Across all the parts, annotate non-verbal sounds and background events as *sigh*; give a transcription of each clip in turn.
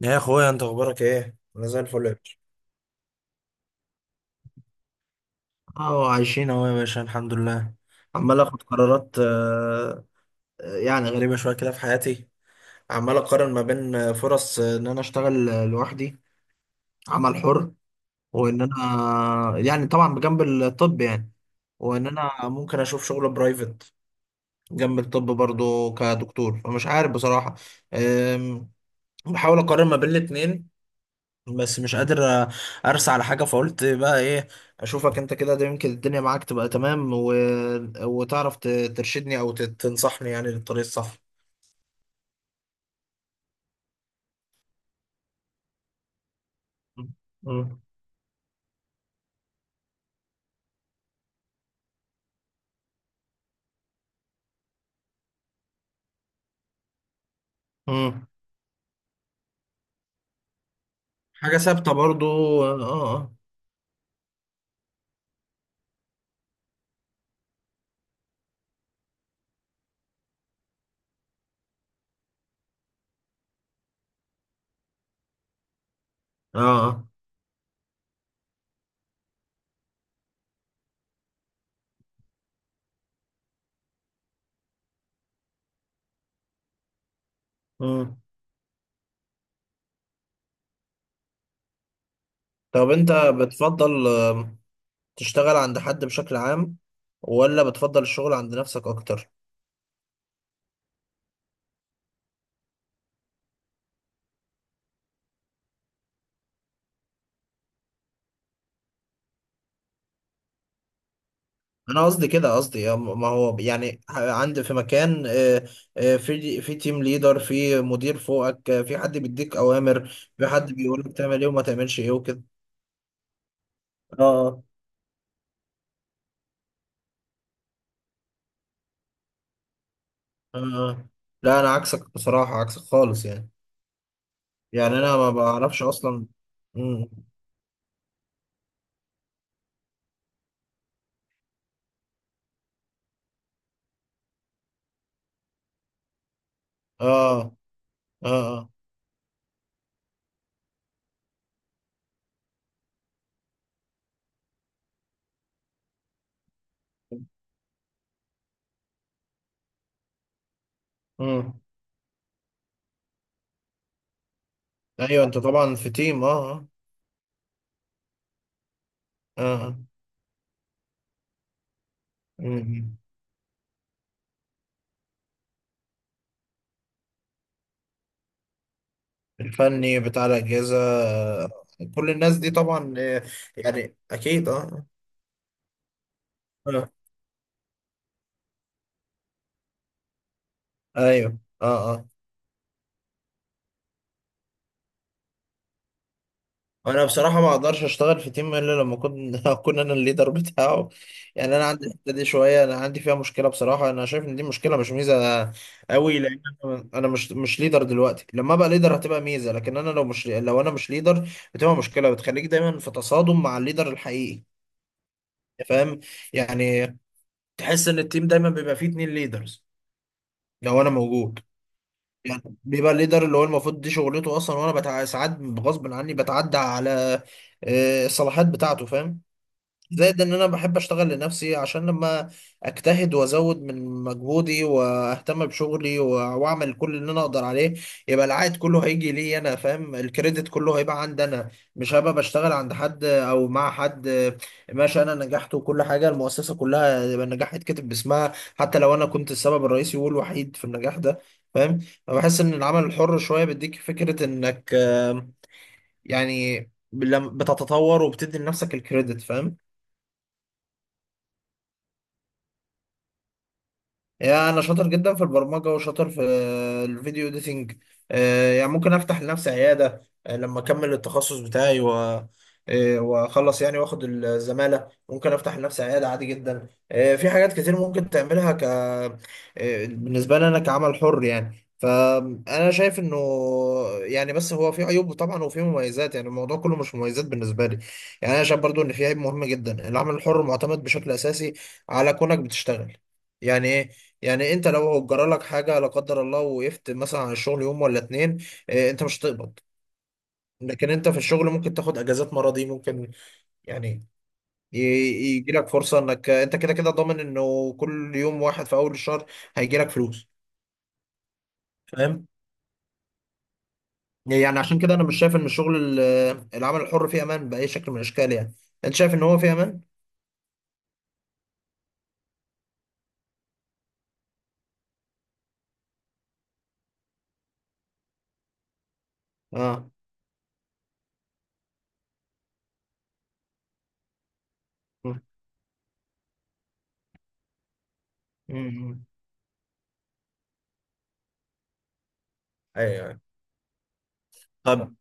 يا اخويا انت اخبارك ايه؟ انا زي الفل يا باشا. اه، عايشين اهو يا باشا، الحمد لله. عمال اخد قرارات، يعني غريبة شوية كده في حياتي. عمال اقارن ما بين فرص ان انا اشتغل لوحدي، عمل حر، وان انا يعني طبعا بجنب الطب يعني. وان انا ممكن اشوف شغل برايفت جنب الطب برضو كدكتور، فمش عارف بصراحة. آم، بحاول اقارن ما بين الاتنين، بس مش قادر ارسى على حاجه. فقلت بقى ايه، اشوفك انت كده، ده يمكن الدنيا معاك تبقى تمام و... وتعرف ت- ترشدني او تنصحني يعني للطريق الصح. مم. مم. حاجه ثابته برضو. اه. اه. اه. مم. طب انت بتفضل تشتغل عند حد بشكل عام، ولا بتفضل الشغل عند نفسك اكتر؟ انا قصدي كده، قصدي ما هو يعني عندي في مكان، في تيم ليدر، في مدير فوقك، في حد بيديك اوامر، في حد بيقول لك تعمل ايه وما تعملش ايه وكده. اه. آه. آه. لا، انا عكسك بصراحة، عكسك خالص يعني. يعني انا ما بعرفش اصلا. مم. اه. اه. اه. مم. ايوه، انت طبعا في تيم، اه. اه. آه. آه. مم. الفني بتاع الاجهزة. آه، كل الناس دي طبعا، يعني اكيد. اه. آه. ايوه. اه. اه. انا بصراحه ما اقدرش اشتغل في تيم الا لما اكون *laughs* اكون انا الليدر بتاعه. يعني انا عندي الحته دي شويه، انا عندي فيها مشكله بصراحه. انا شايف ان دي مشكله مش ميزه قوي، لان انا أنا مش مش ليدر دلوقتي. لما ابقى ليدر هتبقى ميزه، لكن انا لو انا مش ليدر بتبقى مشكله، بتخليك دايما في تصادم مع الليدر الحقيقي، فاهم؟ يعني تحس ان التيم دايما بيبقى فيه اتنين ليدرز لو انا موجود. يعني بيبقى الليدر اللي هو المفروض دي شغلته اصلا، وانا ساعات غصب عني بتعدى على الصلاحيات بتاعته، فاهم؟ زائد ان انا بحب اشتغل لنفسي، عشان لما اجتهد وازود من مجهودي واهتم بشغلي واعمل كل اللي انا اقدر عليه، يبقى العائد كله هيجي لي انا، فاهم؟ الكريدت كله هيبقى عندي انا، مش هبقى بشتغل عند حد او مع حد. ماشي انا نجحت وكل حاجه، المؤسسه كلها يبقى النجاح يتكتب باسمها، حتى لو انا كنت السبب الرئيسي والوحيد في النجاح ده، فاهم؟ فبحس ان العمل الحر شويه بيديك فكره انك يعني بتتطور وبتدي لنفسك الكريدت، فاهم؟ يعني انا شاطر جدا في البرمجه، وشاطر في الفيديو اديتنج. يعني ممكن افتح لنفسي عياده لما اكمل التخصص بتاعي و واخلص يعني واخد الزماله. ممكن افتح لنفسي عياده عادي جدا. في حاجات كتير ممكن تعملها ك بالنسبه لي انا كعمل حر يعني. فانا شايف انه يعني بس هو في عيوب طبعا وفي مميزات، يعني الموضوع كله مش مميزات بالنسبه لي. يعني انا شايف برضو ان في عيب مهم جدا. العمل الحر معتمد بشكل اساسي على كونك بتشتغل. يعني ايه؟ يعني انت لو جرى لك حاجه لا قدر الله، وقفت مثلا عن الشغل يوم ولا اتنين، اه، انت مش هتقبض. لكن انت في الشغل ممكن تاخد اجازات مرضي، ممكن يعني يجي لك فرصه انك انت كده كده ضامن انه كل يوم واحد في اول الشهر هيجي لك فلوس، فاهم؟ يعني عشان كده انا مش شايف ان العمل الحر فيه امان باي شكل من الاشكال يعني. انت شايف ان هو فيه امان؟ اه. م- م- م. ايوه. أيوة. طب،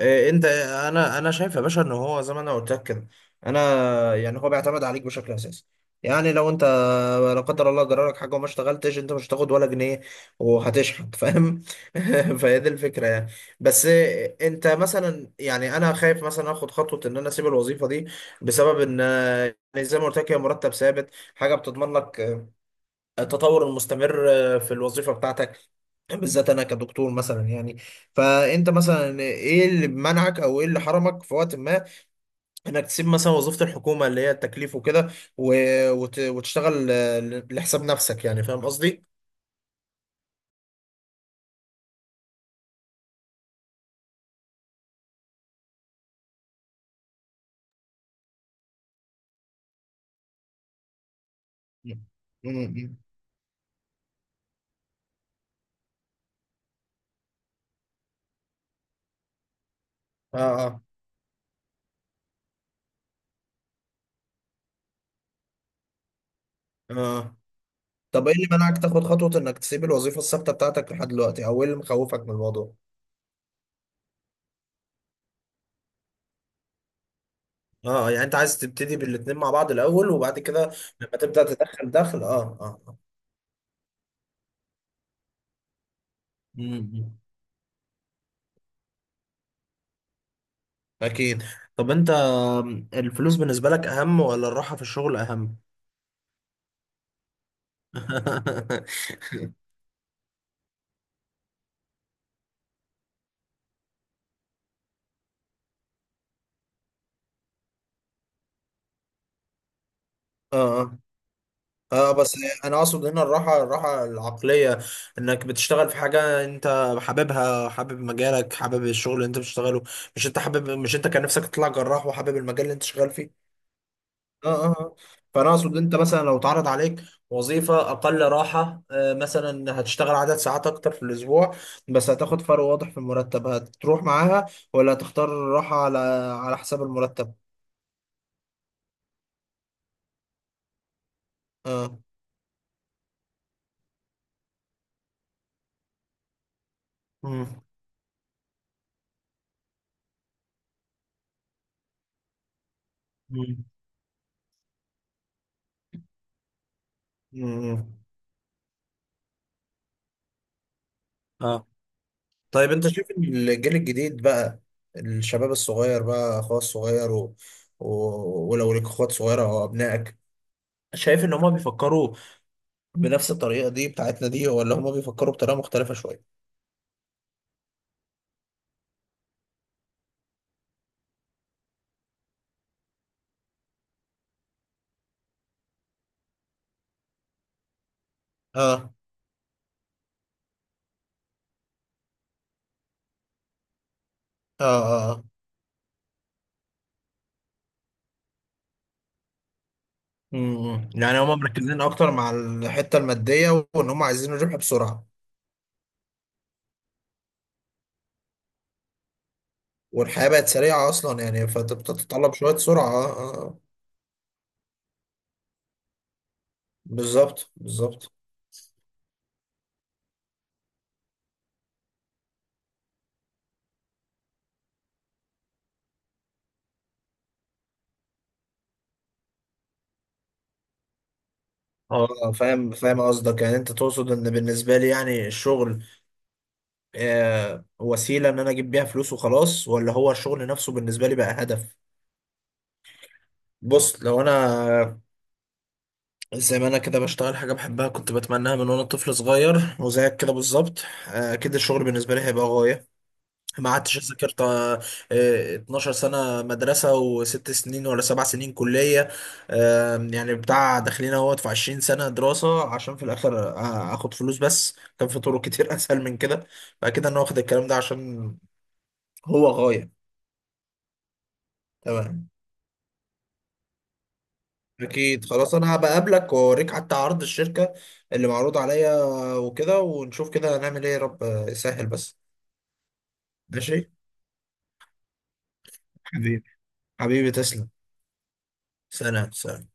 إيه؟ انت، انا، انا شايف يا باشا ان هو زي ما انا قلت لك كده. انا يعني هو بيعتمد عليك بشكل اساسي. يعني لو انت لا قدر الله جرى لك حاجه وما اشتغلتش، انت مش هتاخد ولا جنيه وهتشحت، فاهم؟ *laughs* فهي دي الفكره يعني. بس انت مثلا، يعني انا خايف مثلا اخد خطوه ان انا اسيب الوظيفه دي، بسبب ان يعني زي ما قلت لك، هي مرتب ثابت، حاجه بتضمن لك التطور المستمر في الوظيفة بتاعتك، بالذات انا كدكتور مثلا يعني. فانت مثلا ايه اللي منعك او ايه اللي حرمك في وقت ما انك تسيب مثلا وظيفة الحكومة اللي هي التكليف وكده، و وتشتغل لحساب نفسك؟ يعني فاهم قصدي؟ مم. مم. اه. اه. اه. طب ايه اللي منعك تاخد خطوة انك تسيب الوظيفة الثابتة بتاعتك لحد دلوقتي، او ايه اللي مخوفك من الموضوع؟ اه، يعني انت عايز تبتدي بالاتنين مع بعض الاول وبعد كده لما تبدأ تدخل دخل، اه. اه. آه. مم. أكيد. طب أنت، الفلوس بالنسبة لك أهم ولا الراحة في الشغل أهم؟ *laughs* اه. اه بس انا اقصد هنا الراحه، الراحه العقليه، انك بتشتغل في حاجه انت حاببها، حابب مجالك، حابب الشغل اللي انت بتشتغله. مش انت حابب، مش انت كان نفسك تطلع جراح وحابب المجال اللي انت شغال. اه. اه. آه. فانا اقصد انت مثلا لو اتعرض عليك وظيفه اقل راحه، مثلا هتشتغل عدد ساعات اكتر في الاسبوع، بس هتاخد فرق واضح في المرتب، هتروح معاها ولا هتختار الراحه على على حساب المرتب؟ اه. مم. مم. مم. اه. طيب انت شايف ان الجيل الجديد بقى، الشباب الصغير بقى، اخويا الصغير و ولو ليك اخوات صغيره او ابنائك، شايف ان هما بيفكروا بنفس الطريقه دي بتاعتنا دي، ولا هما بيفكروا بطريقه مختلفه شويه؟ اه. اه. اه. امم. يعني هم مركزين اكتر مع الحته الماديه، وان هم عايزين الربح بسرعه، والحياه بقت سريعه اصلا يعني، فانت بتتطلب شويه سرعه. اه. اه. بالظبط، بالظبط. اه، فاهم، فاهم قصدك. يعني انت تقصد ان بالنسبه لي يعني الشغل آه وسيله ان انا اجيب بيها فلوس وخلاص، ولا هو الشغل نفسه بالنسبه لي بقى هدف؟ بص، لو انا زي ما انا كده بشتغل حاجه بحبها، كنت بتمناها من وانا طفل صغير، وزيك كده بالظبط، اكيد الشغل بالنسبه لي هيبقى غايه. ما عدتش ذاكرت 12 سنة مدرسة 6 سنين ولا 7 سنين كلية، يعني بتاع داخلين اهوت في 20 سنة دراسة عشان في الآخر آخد فلوس. بس كان في طرق كتير *laughs* أسهل من كده. فأكيد أنا واخد الكلام ده عشان هو غاية. تمام. أكيد، خلاص. أنا هبقابلك وأوريك حتى عرض الشركة اللي معروض عليا وكده، ونشوف كده هنعمل إيه. يا رب يسهل بس. ماشي. حبيبي، حبيبي، تسلم. سلام، سلام.